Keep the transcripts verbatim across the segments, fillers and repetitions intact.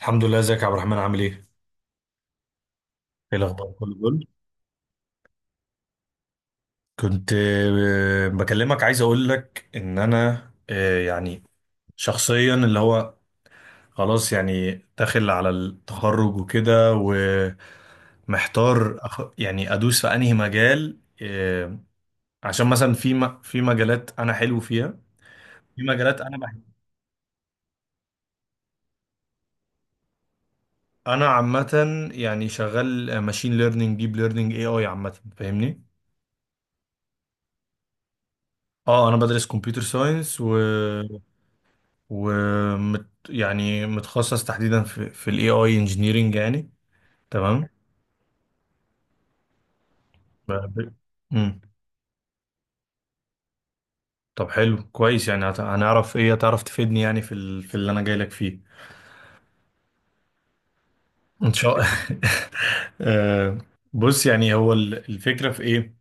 الحمد لله. ازيك يا عبد الرحمن؟ عامل ايه؟ ايه الاخبار؟ كله جول. كنت آه، بكلمك. عايز اقول لك ان انا آه، يعني شخصيا اللي هو خلاص يعني داخل على التخرج وكده. ومحتار، أخ... يعني ادوس في انهي مجال آه، عشان مثلا في م... في مجالات انا حلو فيها. في مجالات انا بحب. انا عامة يعني شغال ماشين ليرنينج، ديب ليرنينج، اي اي عامة. فاهمني؟ اه، انا بدرس كمبيوتر ساينس و ومت يعني متخصص تحديدا في في الاي اي انجينيرنج يعني. تمام. ب- ب- مم. طب حلو كويس. يعني هت- هنعرف ايه، هتعرف تفيدني يعني في ال... في اللي انا جاي لك فيه. ان شاء الله. آه، بص، يعني هو ال- الفكرة في ايه؟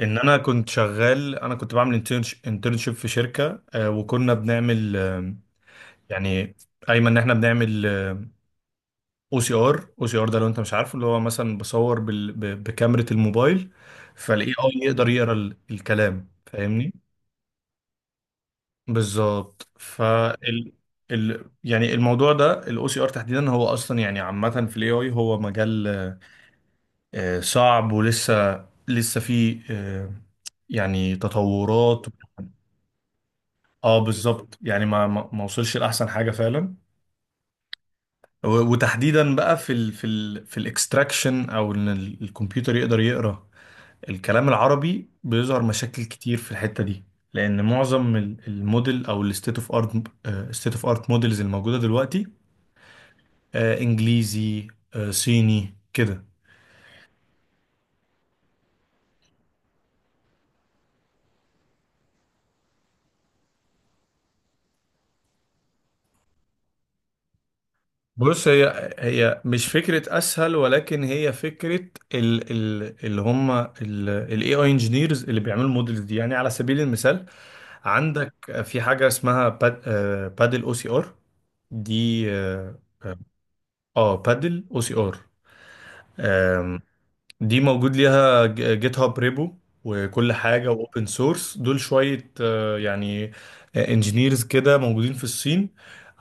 ان انا كنت شغال، انا كنت بعمل انترنشيب في شركة، آه، وكنا بنعمل، آه، يعني ايمن ان احنا بنعمل او سي ار. او سي ار ده، لو انت مش عارفه، اللي هو مثلا بصور بال... ب... بكاميرا الموبايل، فالاي اي يقدر يقرا ال... الكلام. فاهمني؟ بالظبط. فال ال... يعني الموضوع ده، الاو سي ار تحديدا، هو اصلا يعني عامه في الاي اي هو مجال آه، صعب، ولسه لسه فيه آه، يعني تطورات. اه بالظبط. يعني ما ما ما وصلش لاحسن حاجه فعلا. و- وتحديدا بقى في ال في ال في الاكستراكشن، او ان ال- الكمبيوتر يقدر يقرا الكلام العربي، بيظهر مشاكل كتير في الحتة دي. لأن معظم ال- الموديل، أو الستيت اوف ارت، ستيت اوف ارت موديلز الموجودة دلوقتي آه، إنجليزي، آه، صيني كده. بص، هي هي مش فكرة أسهل، ولكن هي فكرة ال ال اللي هم ال إي آي engineers اللي بيعملوا الموديلز دي. يعني على سبيل المثال، عندك في حاجة اسمها باد، بادل او سي ار. دي اه، آه، بادل او سي ار. دي موجود ليها ج- جيت هاب ريبو وكل حاجة، واوبن سورس. دول شوية آه، يعني انجينيرز كده موجودين في الصين.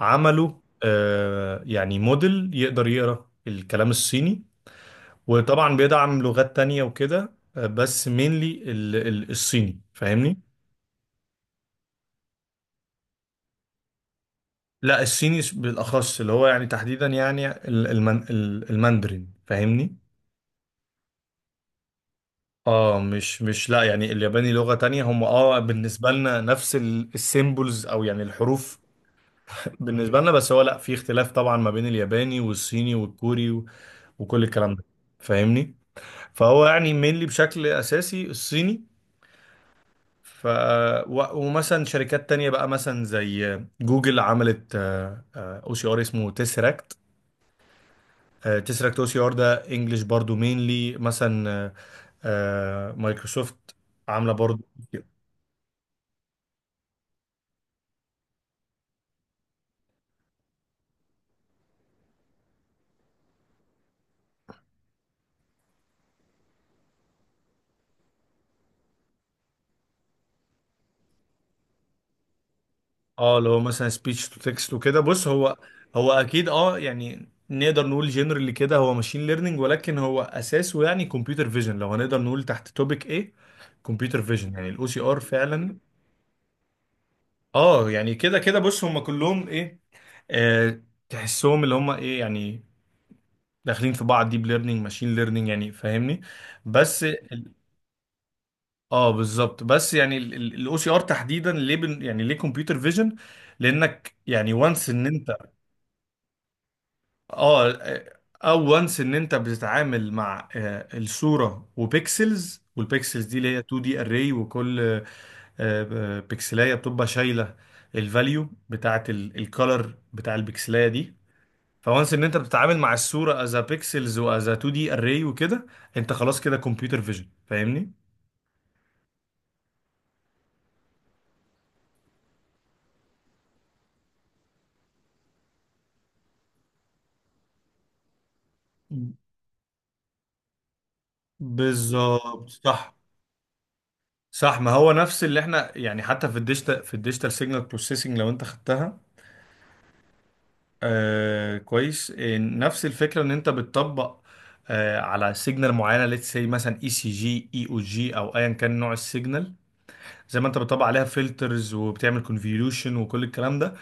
عملوا آه، يعني موديل يقدر يقرأ الكلام الصيني، وطبعا بيدعم لغات تانية وكده، آه، بس مينلي الصيني. فاهمني؟ لا، الصيني بالأخص، اللي هو يعني تحديدا يعني ال- المن- ال- الماندرين. فاهمني؟ اه مش مش لا، يعني الياباني لغة تانية. هم اه بالنسبة لنا نفس السيمبلز، او يعني الحروف بالنسبة لنا. بس هو لا، في اختلاف طبعا ما بين الياباني والصيني والكوري و- وكل الكلام ده، فاهمني. فهو يعني مينلي، بشكل اساسي، الصيني. ف و- ومثلا شركات تانية بقى مثلا زي جوجل عملت او سي ار اسمه تيسراكت. تيسراكت او سي ار ده انجلش برضو مينلي مثلا آه، آه، مايكروسوفت عاملة برضو. اه اللي هو مثلا سبيتش تو تكست وكده. بص، هو هو اكيد. اه يعني نقدر نقول جنرالي كده هو ماشين ليرنينج، ولكن هو اساسه يعني كمبيوتر فيجن، لو هنقدر نقول تحت توبيك ايه. كمبيوتر فيجن يعني الاو سي ار فعلا. اه يعني كده كده. بص، هم كلهم ايه آه تحسهم اللي هم ايه يعني داخلين في بعض. ديب ليرنينج، ماشين ليرنينج يعني، فاهمني. بس ال- اه بالظبط. بس يعني الاو سي ار تحديدا ليه بن، يعني ليه كمبيوتر فيجن؟ لانك يعني وانس ان انت اه او وانس ان انت بتتعامل مع آه، الصوره وبيكسلز، والبيكسلز دي اللي هي تو دي اري، وكل آه، آه، بيكسلايه بتبقى شايله الفاليو بتاعه الكالر بتاع البيكسلايه دي. فوانس ان انت بتتعامل مع الصوره از بيكسلز واز تو دي اري وكده، انت خلاص كده كمبيوتر فيجن. فاهمني؟ بالظبط. صح. صح، ما هو نفس اللي احنا يعني، حتى في الديجيتال، في الديجيتال سيجنال بروسيسنج، لو انت خدتها. آه كويس. آه، نفس الفكره، ان انت بتطبق آه على سيجنال معينه، ليتس سي مثلا اي سي جي، اي او جي، او ايا كان نوع السيجنال، زي ما انت بتطبق عليها فلترز، وبتعمل كونفوليوشن، وكل الكلام ده.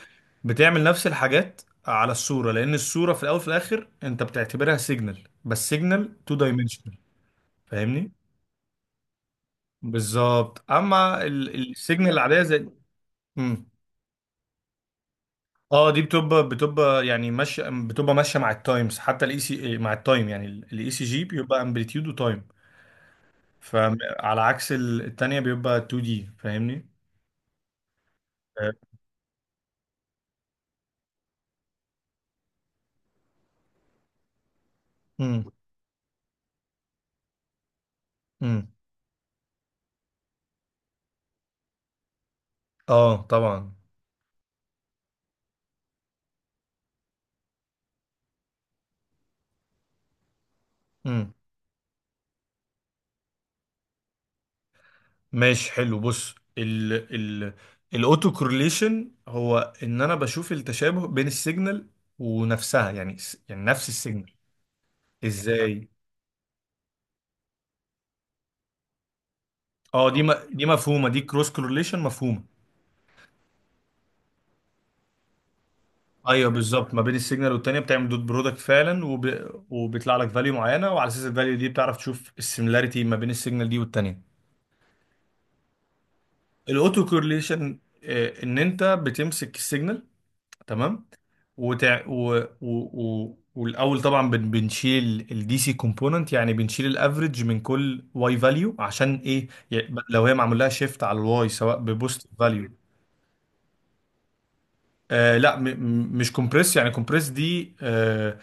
بتعمل نفس الحاجات على الصوره، لان الصوره في الاول وفي الاخر انت بتعتبرها سيجنال، بس سيجنال تو دايمنشنال. فاهمني؟ بالظبط. اما السيجنال العاديه زي، مم. اه، دي بتبقى بتبقى يعني ماشيه، بتبقى ماشيه مع التايمز، حتى الاي سي مع التايم، يعني الاي سي جي بيبقى امبليتيود وتايم. فعلى عكس ال- التانية، بيبقى تو دي. فاهمني؟ آه، امم امم اه طبعا. امم، ماشي حلو. بص ال ال الاوتو كورليشن هو ان انا بشوف التشابه بين السيجنال ونفسها، يعني س- يعني نفس السيجنال ازاي. اه دي م- دي مفهومه، دي كروس كورليشن مفهومه. ايوه بالظبط، ما بين السيجنال والتانية بتعمل دوت برودكت فعلا، وب... وبيطلع لك فاليو معينه، وعلى اساس الفاليو دي بتعرف تشوف السيميلاريتي ما بين السيجنال دي والتانية. الاوتو كورليشن، ان انت بتمسك السيجنال. تمام. وتع... و... و... و... والاول طبعا بن... بنشيل الدي سي كومبوننت، يعني بنشيل الافريج من كل واي فاليو، عشان ايه؟ يعني لو هي معمول لها شيفت على الواي، سواء ببوست فاليو آه لا م... م- مش كومبريس. يعني كومبريس دي، آه،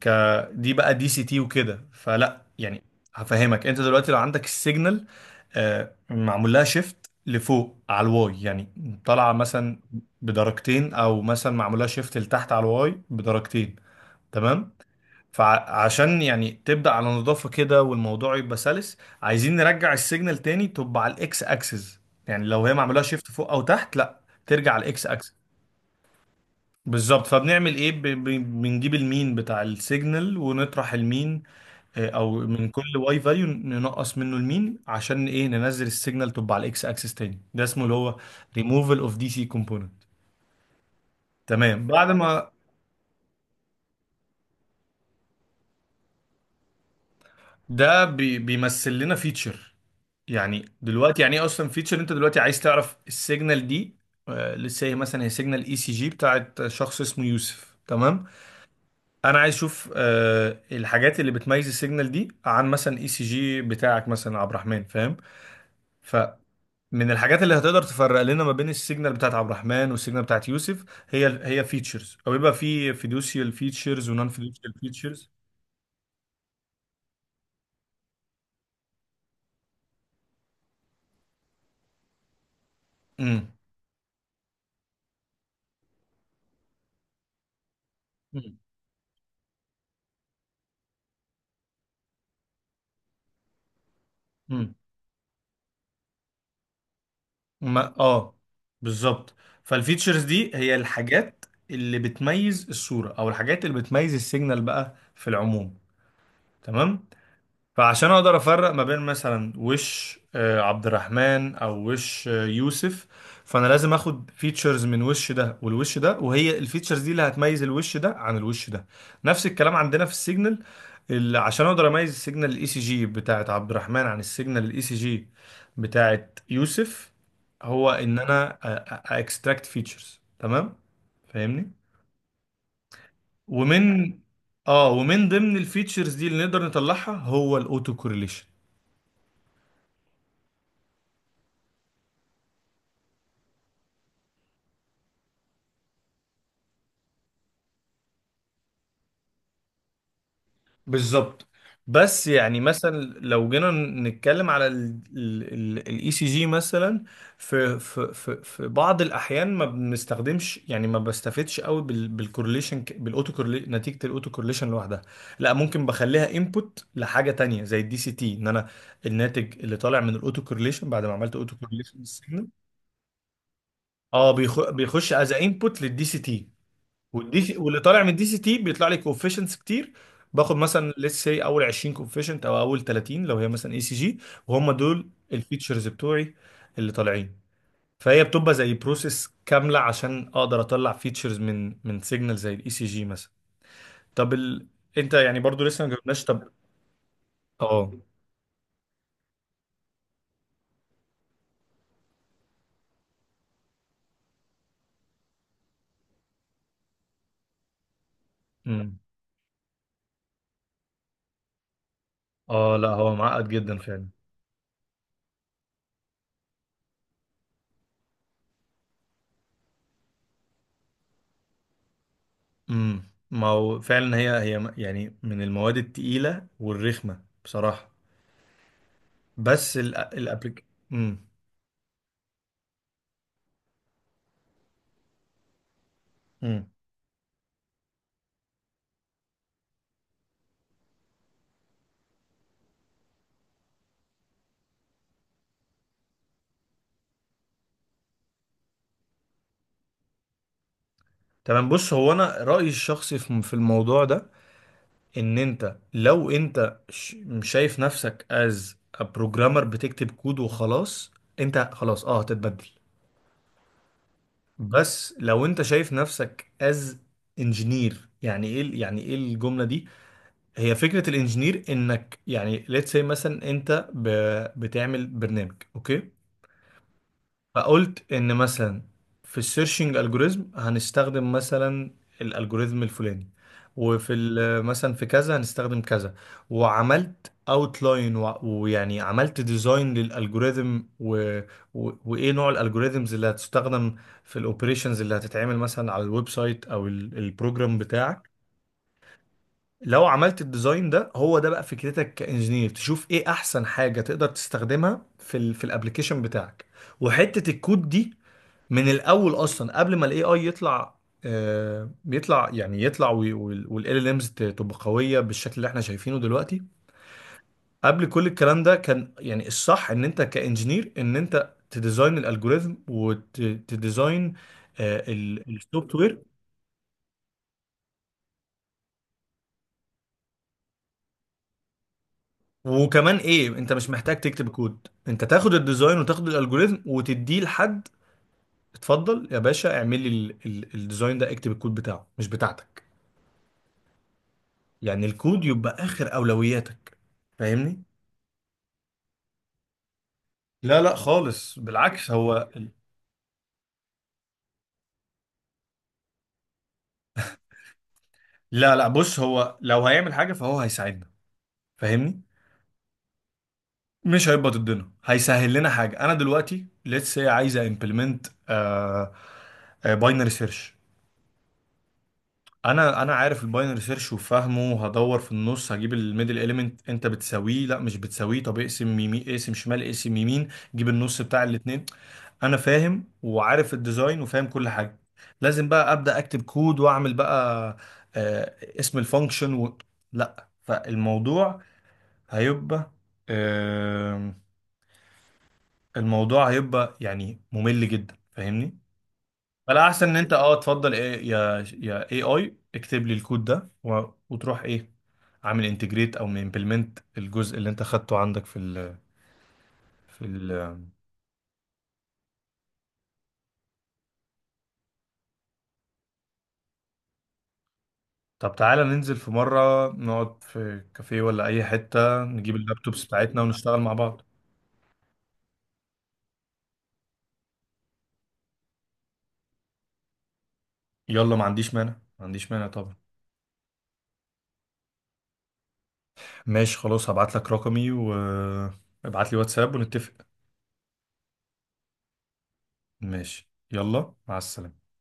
ك دي بقى دي سي تي وكده. فلا يعني هفهمك. انت دلوقتي لو عندك السيجنال آه، معمول لها شيفت لفوق على الواي، يعني طالعه مثلا بدرجتين، او مثلا معمول لها شيفت لتحت على الواي بدرجتين. تمام. فعشان يعني تبدا على نظافه كده والموضوع يبقى سلس، عايزين نرجع السيجنال تاني تبقى على الاكس اكسس. يعني لو هي معمول لها شيفت فوق او تحت، لا، ترجع على الاكس اكسس. بالظبط. فبنعمل ايه؟ ب- ب- بنجيب المين بتاع السيجنال ونطرح المين، آه، او من كل واي فاليو ننقص منه المين. عشان ايه؟ ننزل السيجنال تبقى على الاكس اكسس تاني. ده اسمه اللي هو ريموفال اوف دي سي كومبوننت. تمام. بعد ما ده بي بيمثل لنا فيتشر. يعني دلوقتي يعني ايه اصلا فيتشر؟ انت دلوقتي عايز تعرف السيجنال دي، آه، لسه هي مثلا، هي سيجنال اي سي جي بتاعت شخص اسمه يوسف. تمام. انا عايز اشوف آه، الحاجات اللي بتميز السيجنال دي عن مثلا اي سي جي بتاعك مثلا عبد الرحمن، فاهم. ف من الحاجات اللي هتقدر تفرق لنا ما بين السيجنال بتاعت عبد الرحمن والسيجنال بتاعت يوسف، هي ال- هي فيتشرز، او يبقى في فيدوشيال فيتشرز ونون فيدوشيال فيتشرز. امم. امم. أمم. ما اه بالظبط. فالفيتشرز دي هي الحاجات اللي بتميز الصورة، او الحاجات اللي بتميز السيجنال بقى في العموم. تمام. فعشان اقدر افرق ما بين مثلا وش آه، عبد الرحمن او وش آه، يوسف، فانا لازم اخد فيتشرز من وش ده والوش ده، وهي الفيتشرز دي اللي هتميز الوش ده عن الوش ده. نفس الكلام عندنا في السيجنال، اللي عشان اقدر اميز السيجنال الاي سي جي بتاعت عبد الرحمن عن السيجنال الاي سي جي بتاعت يوسف، هو ان انا اكستراكت فيتشرز. تمام. فاهمني؟ ومن اه ومن ضمن الفيتشرز دي اللي نقدر نطلعها هو الاوتو كورليشن. بالظبط. بس يعني مثلا لو جينا نتكلم على الاي سي جي مثلا، في في في في بعض الاحيان ما بنستخدمش، يعني ما بستفدش قوي بالكورليشن، بالاوتو كورلي، نتيجه الاوتو كورليشن لوحدها. لا، ممكن بخليها انبوت لحاجه تانية زي الدي سي تي. ان انا الناتج اللي طالع من الاوتو كورليشن بعد ما عملت اوتو كورليشن للسيجنال، اه بيخ- بيخش از انبوت للدي سي تي. والدي سي واللي طالع من الدي سي تي بيطلع لي كوفيشنتس كتير. باخد مثلا ليتس سي اول عشرين كوفيشنت، او اول تلاتين لو هي مثلا اي سي جي. وهم دول الفيتشرز بتوعي اللي طالعين. فهي بتبقى زي بروسيس كامله عشان اقدر اطلع فيتشرز من من سيجنال زي الاي سي جي مثلا. طب ال... انت يعني برضو لسه ما جبناش. طب اه، امم، اه لا، هو معقد جدا فعلا. امم. ما هو فعلا، هي هي م- يعني من المواد التقيله والرخمه بصراحه. بس الابليك، امم. تمام. بص هو انا رأيي الشخصي في في الموضوع ده، ان انت لو انت ش- مش شايف نفسك از بروجرامر بتكتب كود وخلاص، انت خلاص اه هتتبدل. بس لو انت شايف نفسك از انجينير، يعني ايه ال- يعني ايه الجملة دي؟ هي فكرة الانجينير، انك يعني let's say مثلا انت ب- بتعمل برنامج، اوكي، فقلت ان مثلا في السيرشنج الجوريزم هنستخدم مثلا الالجوريزم الفلاني، وفي ال- مثلا في كذا هنستخدم كذا، وعملت اوتلاين، ويعني عملت ديزاين للالجوريزم و... و... وايه نوع الالجوريزمز اللي هتستخدم في الاوبريشنز اللي هتتعمل مثلا على الويب سايت او ال- البروجرام بتاعك. لو عملت الديزاين ده، هو ده بقى فكرتك كانجينير، تشوف ايه احسن حاجه تقدر تستخدمها في ال... في الابلكيشن بتاعك. وحته الكود دي من الاول اصلا قبل ما الاي اي يطلع آه، بيطلع، يعني يطلع والال ال امز تبقى قويه بالشكل اللي احنا شايفينه دلوقتي. قبل كل الكلام ده كان يعني الصح، ان انت كانجينير ان انت تديزاين الالجوريزم وتديزاين السوفت وير. وكمان ايه، انت مش محتاج تكتب كود، انت تاخد الديزاين وتاخد الالجوريزم وتديه لحد. اتفضل يا باشا، اعمل لي ال- ال- الديزاين ده، اكتب الكود بتاعه مش بتاعتك. يعني الكود يبقى اخر اولوياتك. فاهمني؟ لا لا خالص، بالعكس، هو لا لا، بص هو لو هيعمل حاجة فهو هيساعدنا، فاهمني. مش هيبقى ضدنا، هيسهل لنا حاجة. انا دلوقتي ليتس سي عايزة امبلمنت باينري سيرش. انا انا عارف الباينري سيرش وفاهمه. هدور في النص، هجيب الميدل اليمنت، انت بتساويه؟ لا مش بتساويه. طب اقسم يمين، اقسم شمال، اقسم يمين. جيب النص بتاع الاتنين. انا فاهم وعارف الديزاين وفاهم كل حاجه، لازم بقى ابدا اكتب كود واعمل بقى آه، اسم الفانكشن و... لا. فالموضوع هيبقى آه، الموضوع هيبقى يعني ممل جدا، فاهمني. فلا، احسن ان انت اه تفضل إيه يا يا اي اي اكتب لي الكود ده و... وتروح ايه، عامل انتجريت او امبلمنت الجزء اللي انت خدته عندك في ال... في ال... طب تعالى ننزل في مرة نقعد في كافيه ولا أي حتة، نجيب اللابتوبس بتاعتنا ونشتغل مع بعض. يلا، ما عنديش مانع، ما عنديش مانع طبعا. ماشي خلاص، هبعت لك رقمي وابعت لي واتساب ونتفق. ماشي، يلا مع السلامة.